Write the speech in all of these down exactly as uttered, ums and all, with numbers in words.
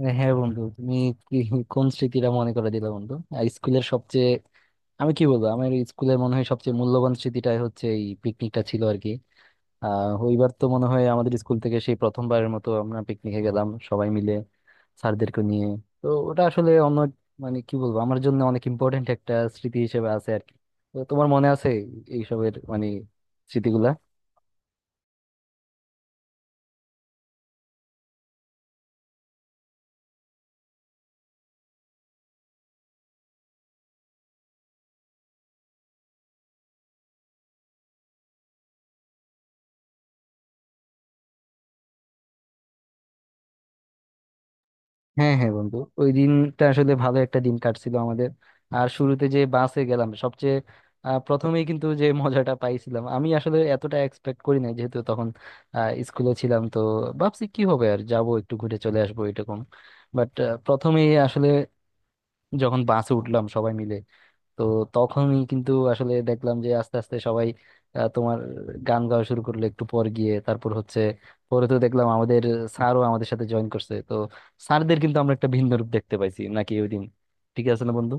হ্যাঁ হ্যাঁ বন্ধু, তুমি কি কোন স্মৃতিটা মনে করে দিলে বন্ধু! আর স্কুলের সবচেয়ে, আমি কি বলবো, আমার স্কুলের মনে হয় সবচেয়ে মূল্যবান স্মৃতিটাই হচ্ছে এই পিকনিকটা ছিল আর কি। আহ ওইবার তো মনে হয় আমাদের স্কুল থেকে সেই প্রথমবারের মতো আমরা পিকনিকে গেলাম সবাই মিলে, স্যারদেরকে নিয়ে। তো ওটা আসলে অন্য, মানে কি বলবো, আমার জন্য অনেক ইম্পর্টেন্ট একটা স্মৃতি হিসেবে আছে আর কি। তো তোমার মনে আছে এইসবের মানে স্মৃতিগুলা? হ্যাঁ হ্যাঁ বন্ধু, ওই দিনটা আসলে ভালো একটা দিন কাটছিল আমাদের। আর শুরুতে যে বাসে গেলাম সবচেয়ে, আহ, প্রথমেই কিন্তু যে মজাটা পাইছিলাম আমি আসলে এতটা এক্সপেক্ট করি নাই, যেহেতু তখন স্কুলে ছিলাম তো। ভাবছি কি হবে, আর যাব একটু ঘুরে চলে আসবো এরকম। বাট প্রথমেই আসলে যখন বাসে উঠলাম সবাই মিলে, তো তখনই কিন্তু আসলে দেখলাম যে আস্তে আস্তে সবাই আহ, তোমার গান গাওয়া শুরু করলো একটু পর গিয়ে। তারপর হচ্ছে পরে তো দেখলাম আমাদের স্যারও আমাদের সাথে জয়েন করছে। তো স্যারদের কিন্তু আমরা একটা ভিন্ন রূপ দেখতে পাইছি নাকি ওই দিন, ঠিক আছে না বন্ধু?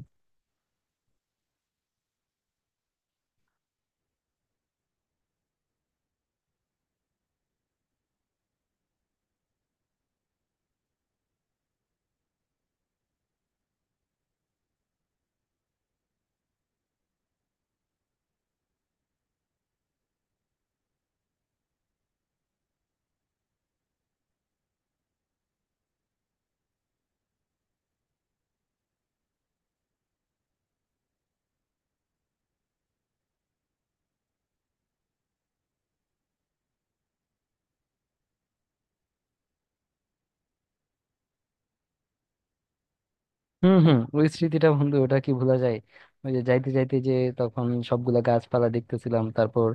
হুম হুম, ওই স্মৃতিটা বন্ধু ওটা কি ভোলা যায়! ওই যে যাইতে যাইতে যে তখন সবগুলা গাছপালা দেখতেছিলাম, তারপর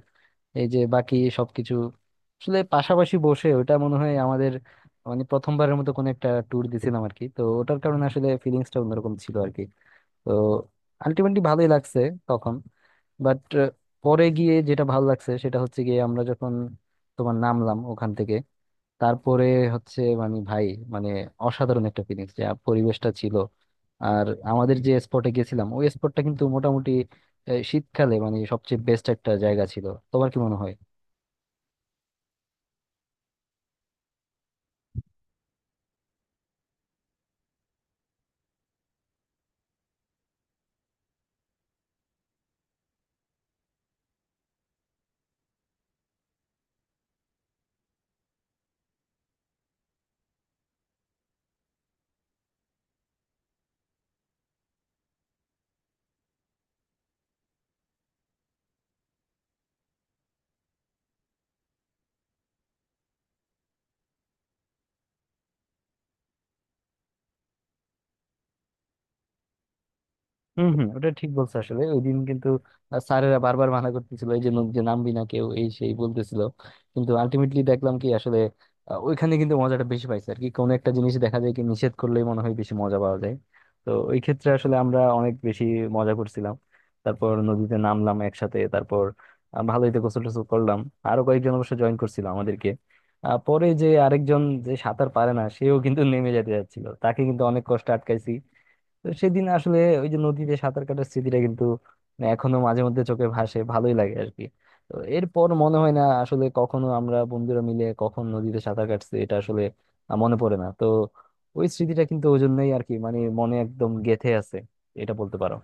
এই যে বাকি সবকিছু, আসলে পাশাপাশি বসে ওটা মনে হয় আমাদের মানে প্রথমবারের মতো কোনো একটা ট্যুর দিছিলাম আর কি। তো ওটার কারণে আসলে ফিলিংসটা অন্যরকম ছিল আর কি। তো আলটিমেটলি ভালোই লাগছে তখন। বাট পরে গিয়ে যেটা ভালো লাগছে সেটা হচ্ছে গিয়ে, আমরা যখন তোমার নামলাম ওখান থেকে, তারপরে হচ্ছে, মানে ভাই, মানে অসাধারণ একটা ফিলিংস, যে পরিবেশটা ছিল। আর আমাদের যে স্পটে গেছিলাম ওই স্পটটা কিন্তু মোটামুটি আহ, শীতকালে মানে সবচেয়ে বেস্ট একটা জায়গা ছিল। তোমার কি মনে হয়? হম হম, ওটা ঠিক বলছো। আসলে ওই দিন কিন্তু আহ, স্যারেরা বারবার মানা করতেছিল, এই যে নম- যে নামবি না কেউ, এই সেই বলতেছিল। কিন্তু আলটিমেটলি দেখলাম কি আসলে আহ, ওইখানে কিন্তু মজাটা বেশি পাইছে আর কি। কোনো একটা জিনিস দেখা যায় কি, নিষেধ করলেই মনে হয় বেশি মজা পাওয়া যায়। তো ওই ক্ষেত্রে আসলে আমরা অনেক বেশি মজা করছিলাম। তারপর নদীতে নামলাম একসাথে, তারপর আহ, ভালোই তো গোসল টোসল করলাম। আরো কয়েকজন অবশ্য জয়েন করছিল আমাদেরকে। আহ, পরে যে আরেকজন যে সাঁতার পারে না, সেও কিন্তু নেমে যেতে যাচ্ছিল, তাকে কিন্তু অনেক কষ্ট আটকাইছি। তো সেদিন আসলে ওই যে নদীতে সাঁতার কাটার স্মৃতিটা কিন্তু, মানে এখনো মাঝে মধ্যে চোখে ভাসে, ভালোই লাগে আর কি। তো এরপর মনে হয় না আসলে কখনো আমরা বন্ধুরা মিলে কখন নদীতে সাঁতার কাটছি, এটা আসলে আহ, মনে পড়ে না তো। ওই স্মৃতিটা কিন্তু ওই জন্যই আর কি, মানে মনে একদম গেঁথে আছে, এটা বলতে পারো।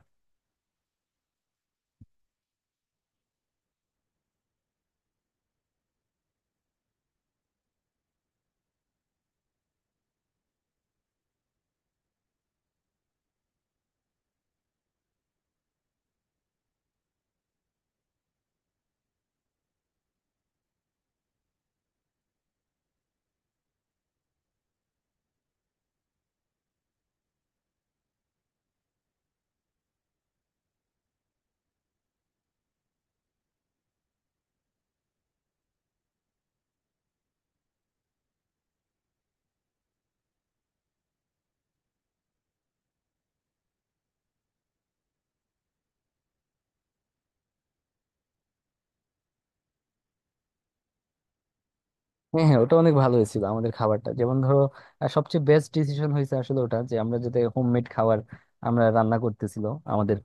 হ্যাঁ হ্যাঁ, ওটা অনেক ভালো হয়েছিল আমাদের খাবারটা, যেমন ধরো আহ, সবচেয়ে বেস্ট ডিসিশন হয়েছে আসলে ওটা, যে আমরা যাতে হোমমেড খাবার আমরা রান্না করতেছিল আমাদের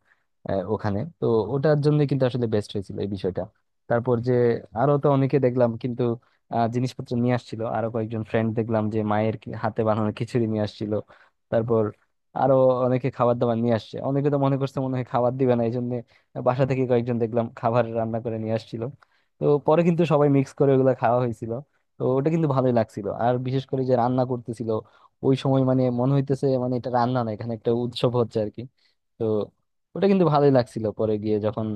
আহ, ওখানে তো। ওটার জন্য কিন্তু আসলে বেস্ট হয়েছিল এই বিষয়টা। তারপর যে আরো তো অনেকে দেখলাম কিন্তু আহ, জিনিসপত্র নিয়ে আসছিল, আরো কয়েকজন ফ্রেন্ড দেখলাম যে মায়ের কি- হাতে বানানো খিচুড়ি নিয়ে আসছিল। তারপর আরো অনেকে খাবার দাবার নিয়ে আসছে। অনেকে তো মনে করছে মনে হয় খাবার দিবে না, এই জন্য বাসা থেকে কয়েকজন দেখলাম খাবার রান্না করে নিয়ে আসছিল। তো পরে কিন্তু সবাই মিক্স করে ওগুলা খাওয়া হয়েছিল। তো ওটা কিন্তু ভালোই লাগছিল। আর বিশেষ করে যে রান্না করতেছিল ওই সময়, মানে মনে হইতেছে মানে এটা রান্না না, এখানে একটা উৎসব হচ্ছে আর কি। তো ওটা কিন্তু ভালোই লাগছিল পরে গিয়ে যখন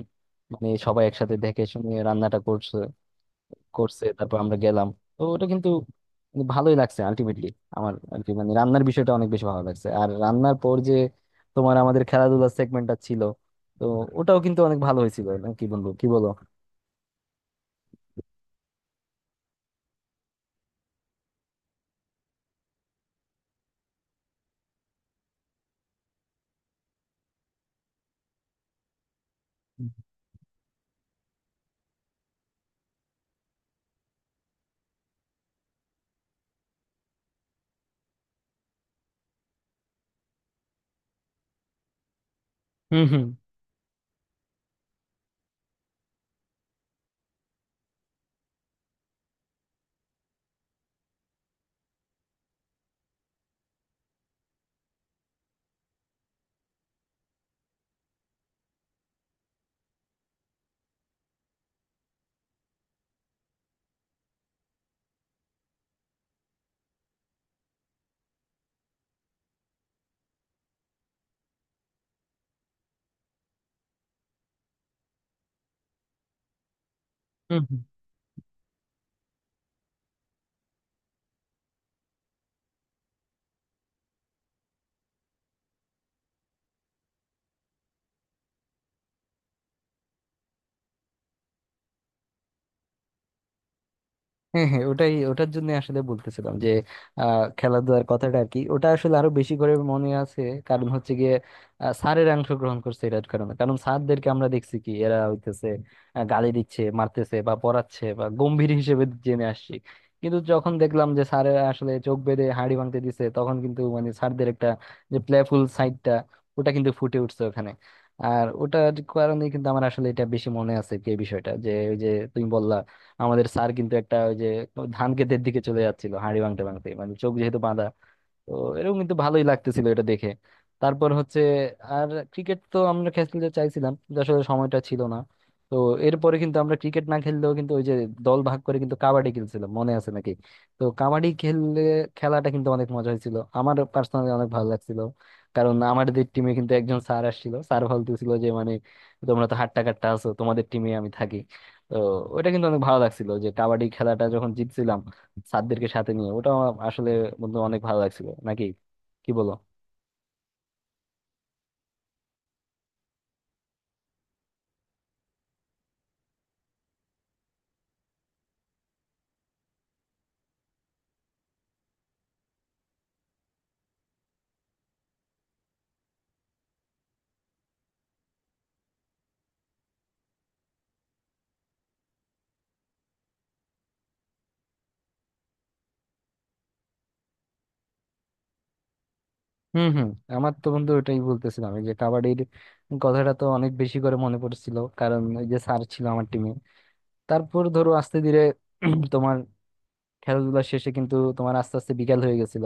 মানে সবাই একসাথে দেখে শুনে রান্নাটা করছে করছে তারপর আমরা গেলাম। তো ওটা কিন্তু মানে ভালোই লাগছে আলটিমেটলি আমার আর কি। মানে রান্নার বিষয়টা অনেক বেশি ভালো লাগছে। আর রান্নার পর যে তোমার আমাদের খেলাধুলার সেগমেন্টটা ছিল, তো ওটাও কিন্তু অনেক ভালো হয়েছিল না কি বন্ধু, কি বলো? হুম হুম, হ্যাঁ হ্যাঁ, ওটাই ওটার জন্য আসলে বলতেছিলাম যে আহ, খেলাধুলার কথাটা আর কি, ওটা আসলে আরো বেশি করে মনে আছে। কারণ হচ্ছে গিয়ে আহ, স্যারের অংশগ্রহণ করছে এটার কারণে। কারণ স্যারদেরকে আমরা দেখছি কি, এরা হইতেছে আহ, গালি দিচ্ছে, মারতেছে বা পড়াচ্ছে বা গম্ভীর হিসেবে জেনে আসছি। কিন্তু যখন দেখলাম যে স্যারেরা আসলে চোখ বেঁধে হাঁড়ি ভাঙতে দিছে, তখন কিন্তু মানে স্যারদের একটা যে প্লেফুল সাইডটা ওটা কিন্তু ফুটে উঠছে ওখানে। আর ওটার কারণে কিন্তু আমার আসলে এটা বেশি মনে আছে এই বিষয়টা, যে ওই যে তুমি বললা আমাদের স্যার কিন্তু একটা ওই যে ধান ক্ষেতের দিকে চলে যাচ্ছিল হাঁড়ি ভাঙতে ভাঙতে, মানে চোখ যেহেতু বাঁধা। তো এরকম কিন্তু ভালোই লাগতেছিল এটা দেখে। তারপর হচ্ছে আর ক্রিকেট তো আমরা খেলতে চাইছিলাম, কিন্তু আসলে সময়টা ছিল না। তো এরপরে কিন্তু আমরা ক্রিকেট না খেললেও কিন্তু ওই যে দল ভাগ করে কিন্তু কাবাডি খেলছিলাম, মনে আছে নাকি? তো কাবাডি খেললে, খেলাটা কিন্তু অনেক মজা হয়েছিল, আমার পার্সোনালি অনেক ভালো লাগছিল। কারণ আমাদের টিমে কিন্তু একজন স্যার আসছিল, স্যার বলতেছিল যে মানে তোমরা তো হাট্টা কাট্টা আছো, তোমাদের টিমে আমি থাকি। তো ওইটা কিন্তু অনেক ভালো লাগছিল যে কাবাডি খেলাটা যখন জিতছিলাম স্যারদেরকে সাথে নিয়ে। ওটা আমার আসলে বন্ধু অনেক ভালো লাগছিল নাকি, কি বলো? হুম হুম, আমার তো বন্ধু ওটাই বলতেছিলাম এই যে কাবাডির কথাটা তো অনেক বেশি করে মনে পড়ছিল, কারণ ওই যে স্যার ছিল আমার টিমে। তারপর ধরো আস্তে ধীরে তোমার খেলাধুলা শেষে কিন্তু তোমার আস্তে আস্তে বিকাল হয়ে গেছিল।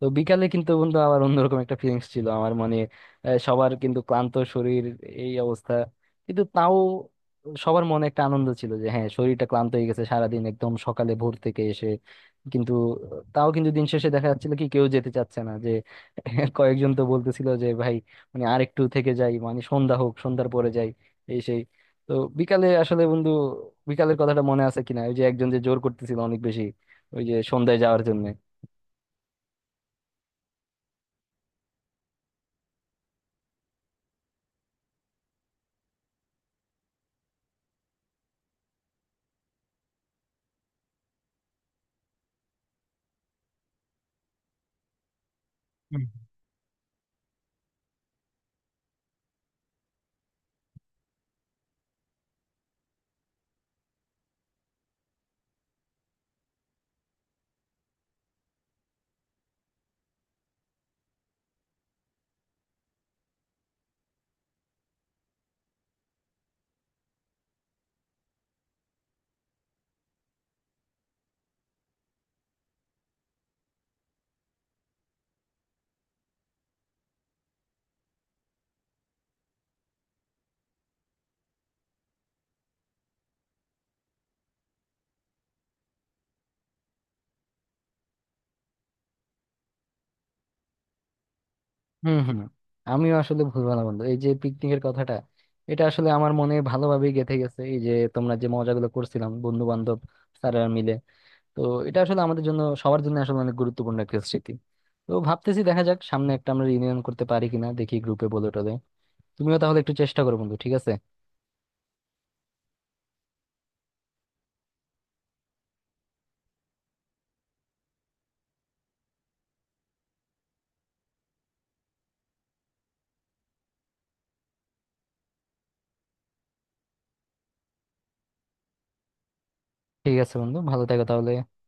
তো বিকালে কিন্তু বন্ধু আবার অন্যরকম একটা ফিলিংস ছিল আমার, মানে আহ, সবার কিন্তু ক্লান্ত শরীর, এই অবস্থা। কিন্তু তাও সবার মনে একটা আনন্দ ছিল, যে হ্যাঁ শরীরটা ক্লান্ত হয়ে গেছে সারাদিন একদম সকালে ভোর থেকে এসে, কিন্তু তাও কিন্তু দিন শেষে দেখা যাচ্ছিল কি কেউ যেতে চাচ্ছে না যে। কয়েকজন তো বলতেছিল যে ভাই, মানে আর একটু থেকে যাই, মানে সন্ধ্যা হোক, সন্ধ্যার পরে যাই, এই সেই। তো বিকালে আসলে বন্ধু বিকালের কথাটা মনে আছে কিনা, ওই যে একজন যে জোর করতেছিল অনেক বেশি ওই যে সন্ধ্যায় যাওয়ার জন্য? হম হম, আমিও আসলে ভুলবো না বন্ধু এই যে পিকনিকের কথাটা, এটা আসলে আমার মনে ভালোভাবেই গেঁথে গেছে। এই যে তোমরা যে মজাগুলো করছিলাম বন্ধু বান্ধব স্যাররা মিলে, তো এটা আসলে আমাদের জন্য, সবার জন্য আসলে অনেক গুরুত্বপূর্ণ একটা স্মৃতি। তো ভাবতেছি দেখা যাক সামনে একটা আমরা রিউনিয়ন করতে পারি কিনা, দেখি গ্রুপে বলে টলে। তুমিও তাহলে একটু চেষ্টা করো বন্ধু, ঠিক আছে? ঠিক আছে বন্ধু, ভালো থেকো তাহলে।